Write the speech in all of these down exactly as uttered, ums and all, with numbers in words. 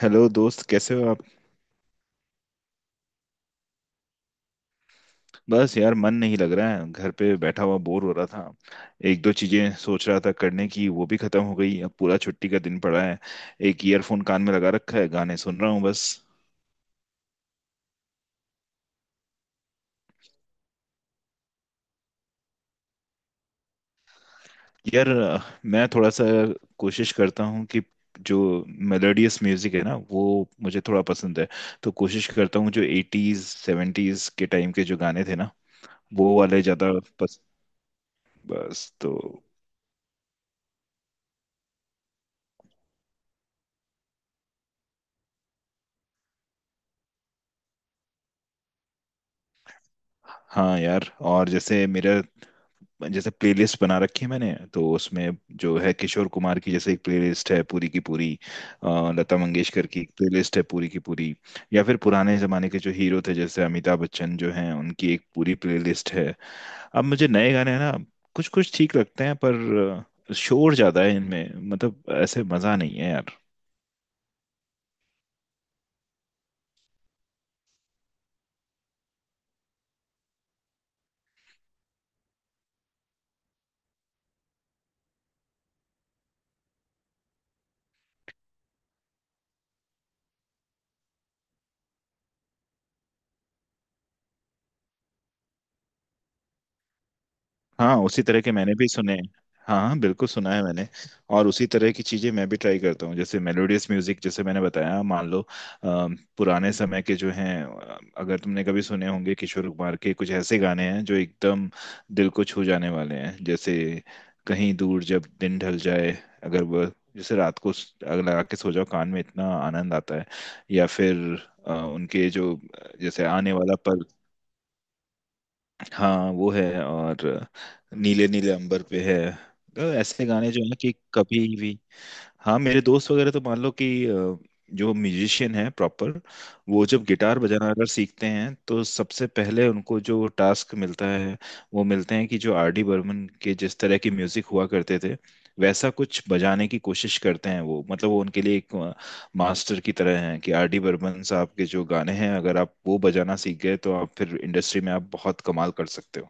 Hello दोस्त, कैसे हो आप? बस यार, मन नहीं लग रहा है। घर पे बैठा हुआ बोर हो रहा था। एक दो चीजें सोच रहा था करने की, वो भी खत्म हो गई। अब पूरा छुट्टी का दिन पड़ा है। एक ईयरफोन कान में लगा रखा है, गाने सुन रहा हूँ बस। यार, अ, मैं थोड़ा सा कोशिश करता हूँ कि जो मेलोडियस म्यूजिक है ना, वो मुझे थोड़ा पसंद है। तो कोशिश करता हूँ, जो एटीज सेवेंटीज के टाइम के जो गाने थे ना, वो वाले ज्यादा। पस, बस तो। हाँ यार, और जैसे मेरा, जैसे प्लेलिस्ट बना रखी है मैंने तो उसमें जो है, किशोर कुमार की जैसे एक प्लेलिस्ट है पूरी की पूरी। अ, लता मंगेशकर की एक प्लेलिस्ट है पूरी की पूरी। या फिर पुराने जमाने के जो हीरो थे, जैसे अमिताभ बच्चन जो हैं, उनकी एक पूरी प्लेलिस्ट है। अब मुझे नए गाने है ना, कुछ कुछ ठीक लगते हैं, पर अ, शोर ज्यादा है इनमें, मतलब ऐसे मजा नहीं है यार। हाँ, उसी तरह के मैंने भी सुने हैं। हाँ हाँ, बिल्कुल सुना है मैंने। और उसी तरह की चीजें मैं भी ट्राई करता हूँ, जैसे मेलोडियस म्यूजिक, जैसे मैंने बताया। मान लो अ, पुराने समय के जो हैं, अ, अगर तुमने कभी सुने होंगे, किशोर कुमार के कुछ ऐसे गाने हैं जो एकदम दिल को छू जाने वाले हैं। जैसे कहीं दूर जब दिन ढल जाए, अगर वह जैसे रात को स- अगर लगा के सो जाओ कान में, इतना आनंद आता है। या फिर अ, उनके जो, अ, जैसे आने वाला पल। हाँ वो है, और नीले नीले अंबर पे है। तो ऐसे गाने जो है कि कभी भी। हाँ, मेरे दोस्त वगैरह तो मान लो कि अ, जो म्यूजिशियन है प्रॉपर, वो जब गिटार बजाना अगर सीखते हैं, तो सबसे पहले उनको जो टास्क मिलता है, वो मिलते हैं कि जो आर डी बर्मन के जिस तरह की म्यूजिक हुआ करते थे, वैसा कुछ बजाने की कोशिश करते हैं वो। मतलब वो उनके लिए एक मास्टर की तरह हैं, कि आर डी बर्मन साहब के जो गाने हैं, अगर आप वो बजाना सीख गए, तो आप फिर इंडस्ट्री में आप बहुत कमाल कर सकते हो।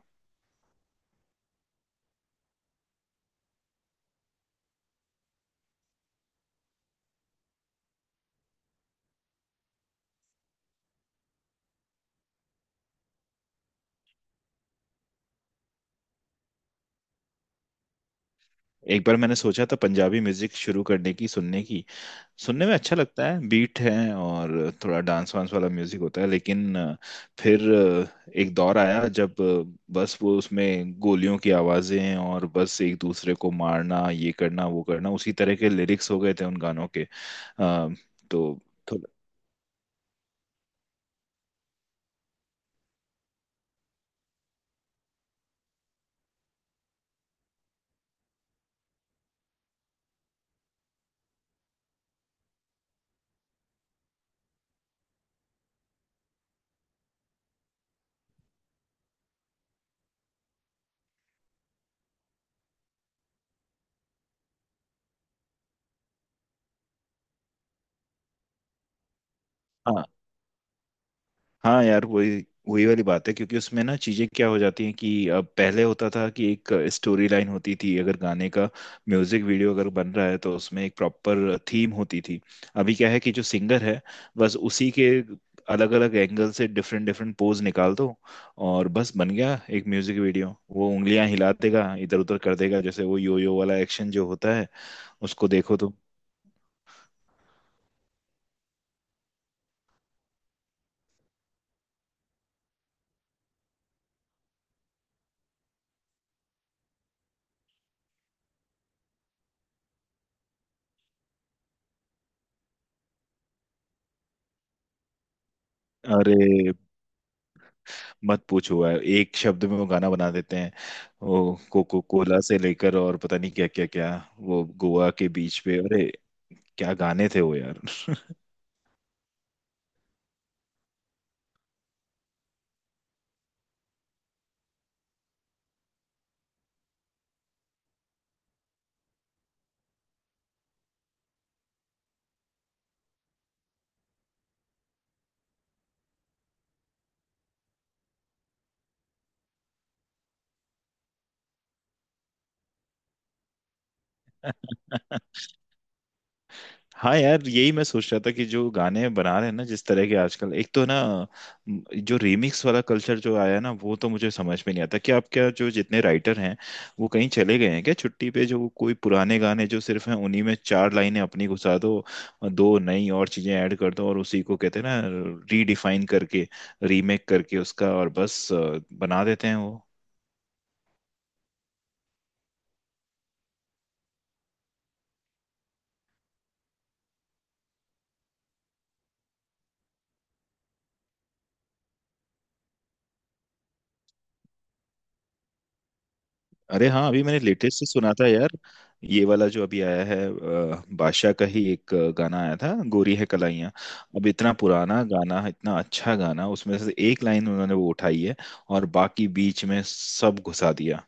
एक बार मैंने सोचा था पंजाबी म्यूजिक शुरू करने की, सुनने की। सुनने में अच्छा लगता है, बीट है और थोड़ा डांस वांस वाला म्यूजिक होता है। लेकिन अ, फिर अ, एक दौर आया जब अ, बस वो उसमें गोलियों की आवाजें, और बस एक दूसरे को मारना, ये करना वो करना, उसी तरह के लिरिक्स हो गए थे उन गानों के। अ, तो थोड़ा। हाँ यार, वही वही वाली बात है, क्योंकि उसमें ना चीजें क्या हो जाती हैं कि अब पहले होता था कि एक स्टोरी लाइन होती थी, अगर गाने का म्यूजिक वीडियो अगर बन रहा है, तो उसमें एक प्रॉपर थीम होती थी। अभी क्या है कि जो सिंगर है, बस उसी के अलग अलग एंगल से डिफरेंट डिफरेंट पोज निकाल दो, और बस बन गया एक म्यूजिक वीडियो। वो उंगलियां हिला देगा, इधर उधर कर देगा, जैसे वो यो यो वाला एक्शन जो होता है, उसको देखो तो। अरे मत पूछो यार, एक शब्द में वो गाना बना देते हैं। वो कोको कोला से लेकर और पता नहीं क्या क्या क्या, वो गोवा के बीच पे, अरे क्या गाने थे वो यार। हाँ यार, यही मैं सोच रहा था कि जो गाने बना रहे हैं ना जिस तरह के आजकल, एक तो ना म, जो रीमिक्स वाला कल्चर जो आया है ना, वो तो मुझे समझ में नहीं आता कि आप क्या, जो जितने राइटर हैं वो कहीं चले गए हैं क्या छुट्टी पे? जो कोई पुराने गाने जो सिर्फ हैं, उन्हीं में चार लाइनें अपनी घुसा दो और दो नई और चीजें ऐड कर दो, और उसी को कहते हैं ना, रीडिफाइन करके, रीमेक करके उसका, और बस अ, बना देते हैं वो। अरे हाँ, अभी मैंने लेटेस्ट से सुना था यार, ये वाला जो अभी आया है, अ, बादशाह का ही एक अ, गाना आया था, गोरी है कलाइयाँ। अब इतना पुराना गाना, इतना अच्छा गाना, उसमें से एक लाइन उन्होंने वो उठाई है, और बाकी बीच में सब घुसा दिया।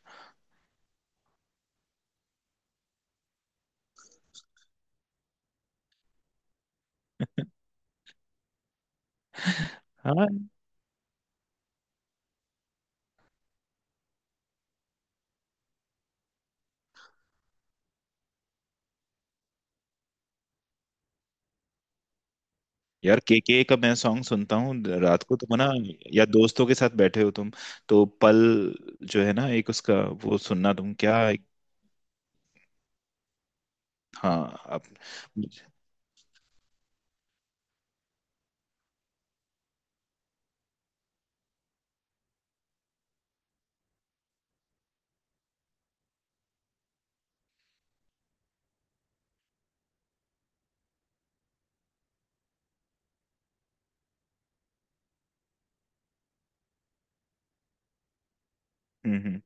हाँ यार, के के का मैं सॉन्ग सुनता हूँ। रात को तुम ना, या दोस्तों के साथ बैठे हो तुम, तो पल जो है ना, एक उसका वो सुनना तुम क्या। हाँ। आप। हम्म। हम्म।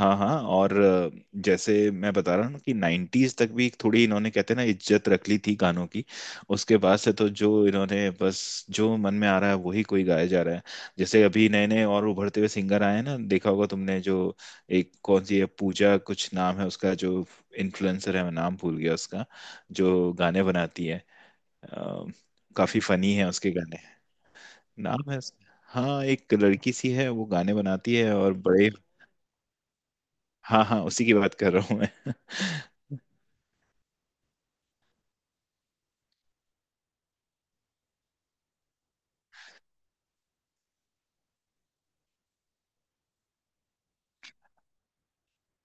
हाँ हाँ। और अ, जैसे मैं बता रहा हूँ ना कि नाइन्टीज तक भी थोड़ी इन्होंने, कहते हैं ना, इज्जत रख ली थी गानों की। उसके बाद से तो जो इन्होंने, बस जो मन में आ रहा है वही कोई गाया जा रहा है। जैसे अभी नए नए और उभरते हुए सिंगर आए हैं ना, देखा होगा तुमने, जो एक कौन सी है, पूजा कुछ नाम है उसका, जो इन्फ्लुएंसर है, मैं नाम भूल गया उसका, जो गाने बनाती है। अ, काफी फनी है उसके गाने। नाम है उसका। हाँ, एक लड़की सी है, वो गाने बनाती है और बड़े। हाँ हाँ, उसी की बात कर रहा हूँ मैं।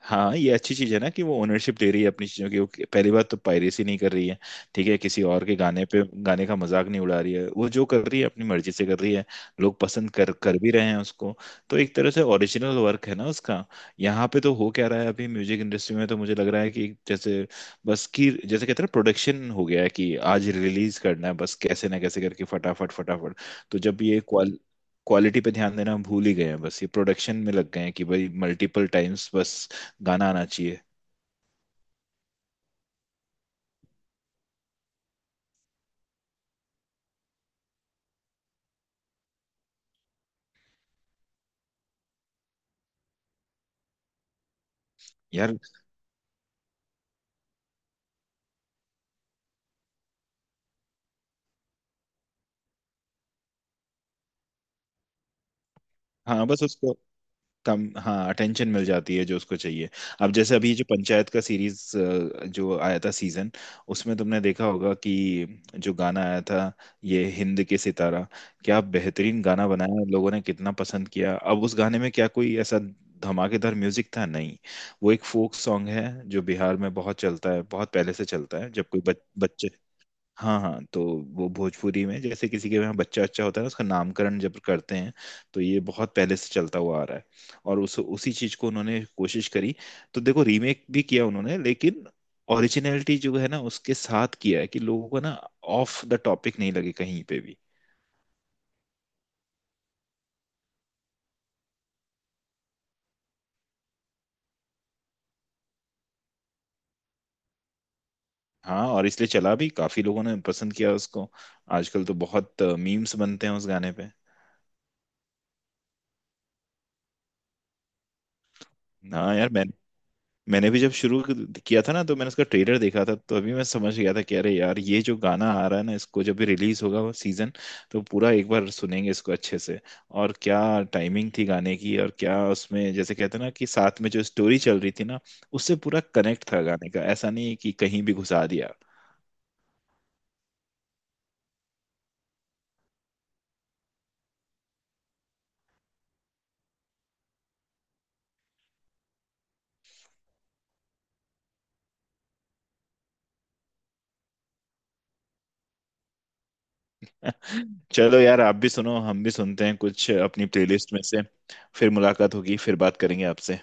हाँ, ये अच्छी चीज है ना कि वो ओनरशिप ले रही है अपनी चीजों की। वो पहली बात तो पायरेसी नहीं कर रही है। ठीक है, किसी और के गाने पे गाने का मजाक नहीं उड़ा रही है, वो जो कर रही है अपनी मर्जी से कर रही है। लोग पसंद कर कर भी रहे हैं उसको, तो एक तरह से ओरिजिनल वर्क है ना उसका। यहाँ पे तो हो क्या रहा है अभी म्यूजिक इंडस्ट्री में, तो मुझे लग रहा है कि जैसे बस की, जैसे कहते हैं, प्रोडक्शन हो गया है कि आज रिलीज करना है बस, कैसे ना कैसे करके, फटाफट फटाफट। तो जब ये क्वाल क्वालिटी पे ध्यान देना हम भूल ही गए हैं, बस ये प्रोडक्शन में लग गए हैं कि भाई मल्टीपल टाइम्स बस गाना आना चाहिए। यार। हाँ बस उसको कम, हाँ, अटेंशन मिल जाती है जो उसको चाहिए। अब जैसे अभी जो पंचायत का सीरीज, जो आया था सीजन, उसमें तुमने देखा होगा कि जो गाना आया था, ये हिंद के सितारा, क्या बेहतरीन गाना बनाया, लोगों ने कितना पसंद किया। अब उस गाने में क्या कोई ऐसा धमाकेदार म्यूजिक था? नहीं। वो एक फोक सॉन्ग है, जो बिहार में बहुत चलता है, बहुत पहले से चलता है, जब कोई बच, बच्चे। हाँ हाँ, तो वो भोजपुरी में, जैसे किसी के यहाँ बच्चा अच्छा होता है ना, उसका नामकरण जब करते हैं, तो ये बहुत पहले से चलता हुआ आ रहा है। और उस उसी चीज को उन्होंने कोशिश करी, तो देखो, रीमेक भी किया उन्होंने, लेकिन ओरिजिनलिटी जो है ना उसके साथ किया है, कि लोगों को ना ऑफ द टॉपिक नहीं लगे कहीं पे भी। हाँ, और इसलिए चला भी, काफी लोगों ने पसंद किया उसको। आजकल तो बहुत मीम्स बनते हैं उस गाने पे। हाँ यार। मैंने भी जब शुरू किया था ना, तो मैंने उसका ट्रेलर देखा था, तो अभी मैं समझ गया था कि अरे यार, ये जो गाना आ रहा है ना, इसको जब भी रिलीज होगा वो सीजन, तो पूरा एक बार सुनेंगे इसको अच्छे से। और क्या टाइमिंग थी गाने की, और क्या उसमें, जैसे कहते हैं ना, कि साथ में जो स्टोरी चल रही थी ना, उससे पूरा कनेक्ट था गाने का। ऐसा नहीं है कि कहीं भी घुसा दिया। चलो यार, आप भी सुनो, हम भी सुनते हैं कुछ अपनी प्लेलिस्ट में से। फिर मुलाकात होगी, फिर बात करेंगे आपसे।